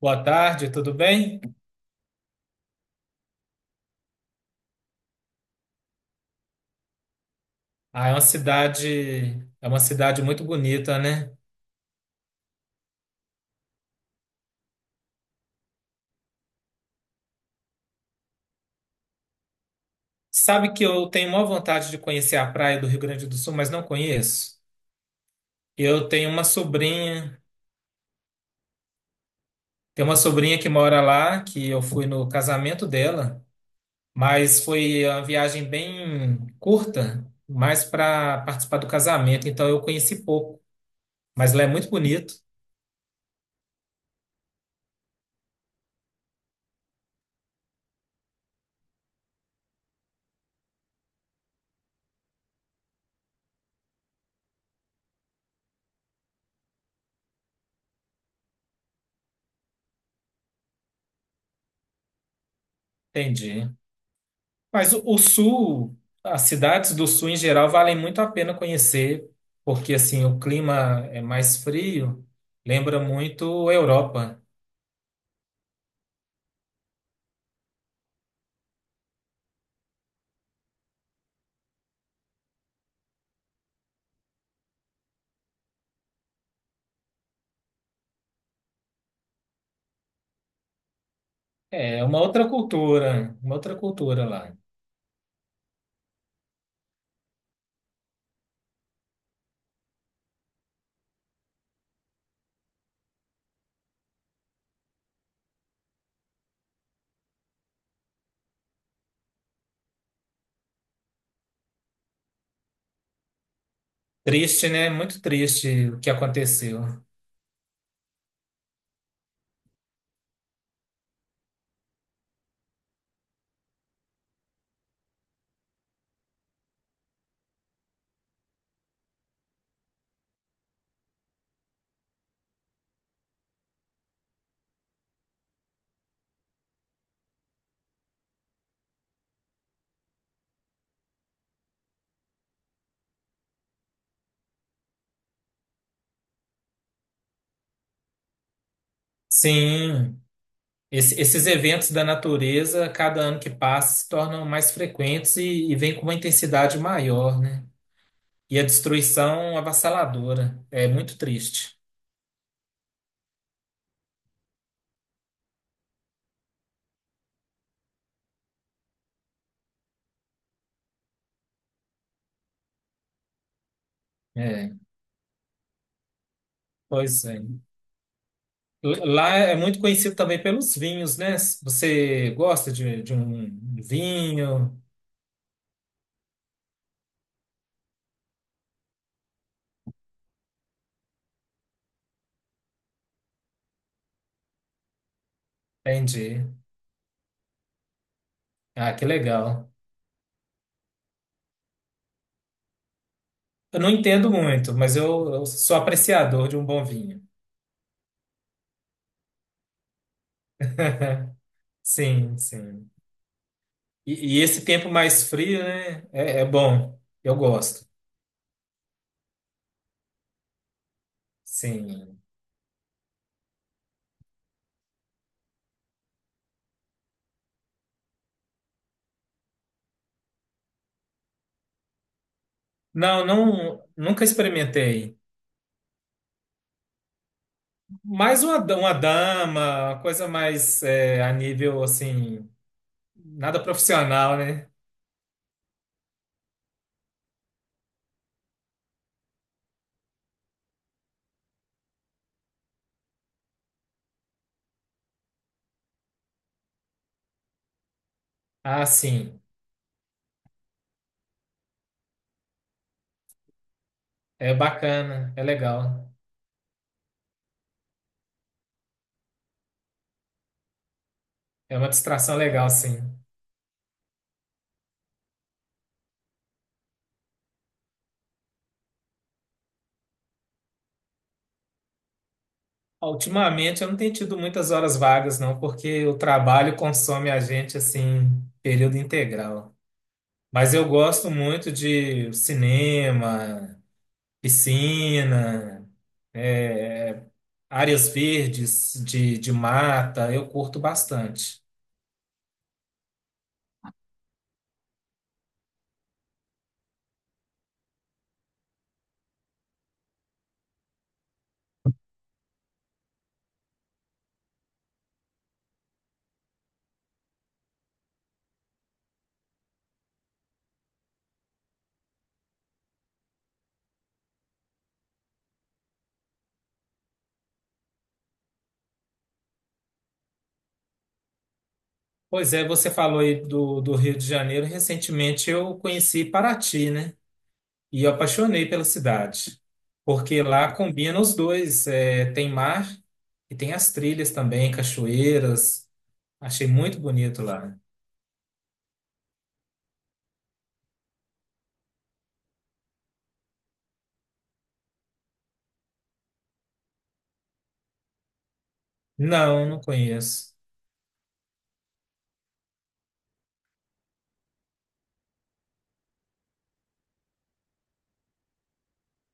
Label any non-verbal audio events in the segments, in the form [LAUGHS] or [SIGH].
Boa tarde, tudo bem? Ah, é uma cidade muito bonita, né? Sabe que eu tenho maior vontade de conhecer a praia do Rio Grande do Sul, mas não conheço. Eu tenho uma sobrinha, Tenho uma sobrinha que mora lá, que eu fui no casamento dela, mas foi uma viagem bem curta, mais para participar do casamento, então eu conheci pouco, mas lá é muito bonito. Entendi. Mas o sul, as cidades do sul em geral valem muito a pena conhecer, porque assim o clima é mais frio, lembra muito a Europa. É uma uma outra cultura lá. Triste, né? Muito triste o que aconteceu. Sim, esses eventos da natureza, cada ano que passa, se tornam mais frequentes e vêm com uma intensidade maior, né? E a destruição avassaladora. É muito triste. É, pois é. Lá é muito conhecido também pelos vinhos, né? Você gosta de um vinho? Entendi. Ah, que legal. Eu não entendo muito, mas eu sou apreciador de um bom vinho. [LAUGHS] Sim, sim. E esse tempo mais frio, né? É bom. Eu gosto. Sim. Não, não, nunca experimentei. Uma dama, uma coisa mais é, a nível assim, nada profissional, né? Ah, sim. É bacana, é legal. É uma distração legal, sim. Ah, ultimamente eu não tenho tido muitas horas vagas, não, porque o trabalho consome a gente assim, período integral. Mas eu gosto muito de cinema, piscina, é, áreas verdes de mata, eu curto bastante. Pois é, você falou aí do Rio de Janeiro. Recentemente eu conheci Paraty, né? E eu apaixonei pela cidade, porque lá combina os dois, é, tem mar e tem as trilhas também, cachoeiras. Achei muito bonito lá. Não, não conheço.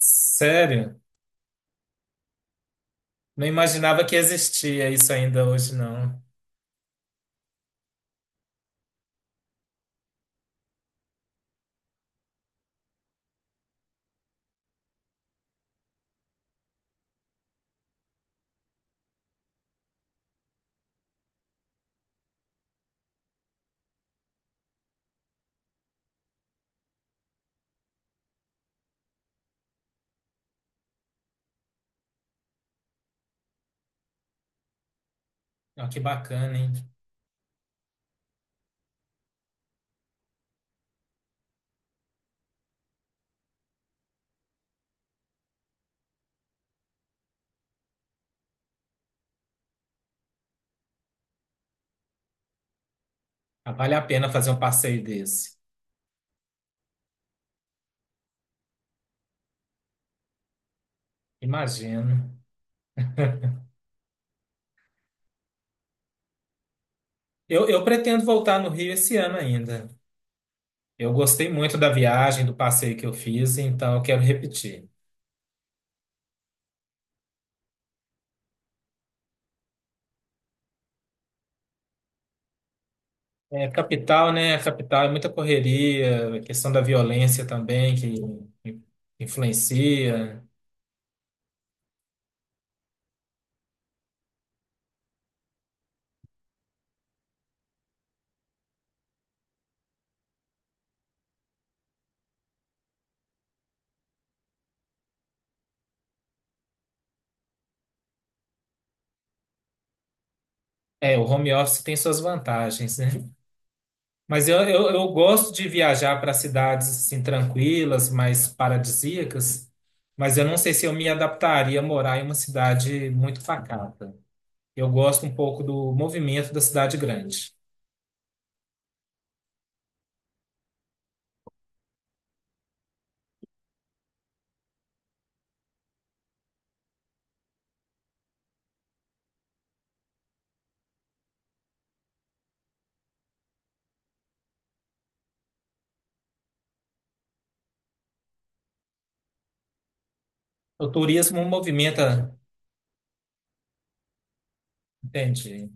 Sério? Não imaginava que existia isso ainda hoje, não. Ó, que bacana, hein? Ah, vale a pena fazer um passeio desse. Imagino. Eu pretendo voltar no Rio esse ano ainda. Eu gostei muito da viagem, do passeio que eu fiz, então eu quero repetir. É, capital, né? Capital é muita correria, a questão da violência também que in- influencia. É, o home office tem suas vantagens, né? Mas eu gosto de viajar para cidades assim tranquilas, mais paradisíacas, mas eu não sei se eu me adaptaria a morar em uma cidade muito pacata. Eu gosto um pouco do movimento da cidade grande. O turismo movimenta, entende?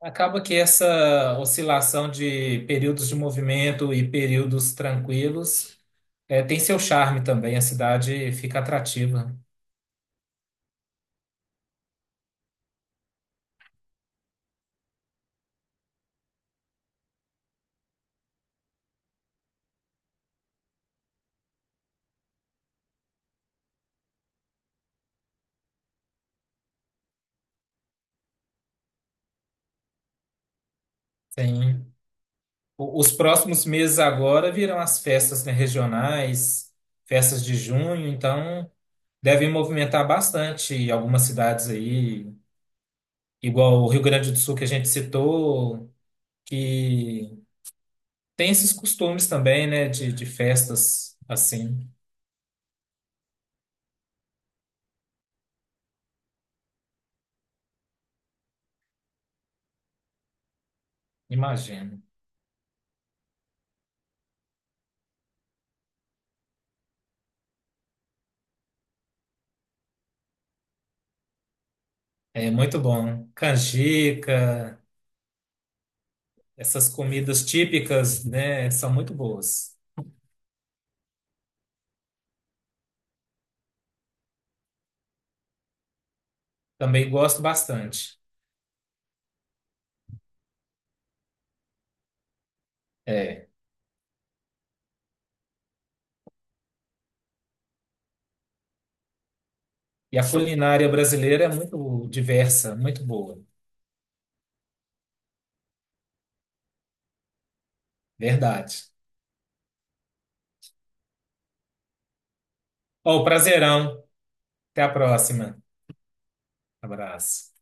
Acaba que essa oscilação de períodos de movimento e períodos tranquilos tem seu charme também. A cidade fica atrativa. Sim. O- Os próximos meses agora virão as festas, né, regionais, festas de junho, então devem movimentar bastante algumas cidades aí, igual o Rio Grande do Sul que a gente citou, que tem esses costumes também, né, de festas assim, imagino. É muito bom. Canjica, essas comidas típicas, né, são muito boas. Também gosto bastante. É. E a culinária brasileira é muito diversa, muito boa. Verdade. Ó, prazerão. Até a próxima. Abraço.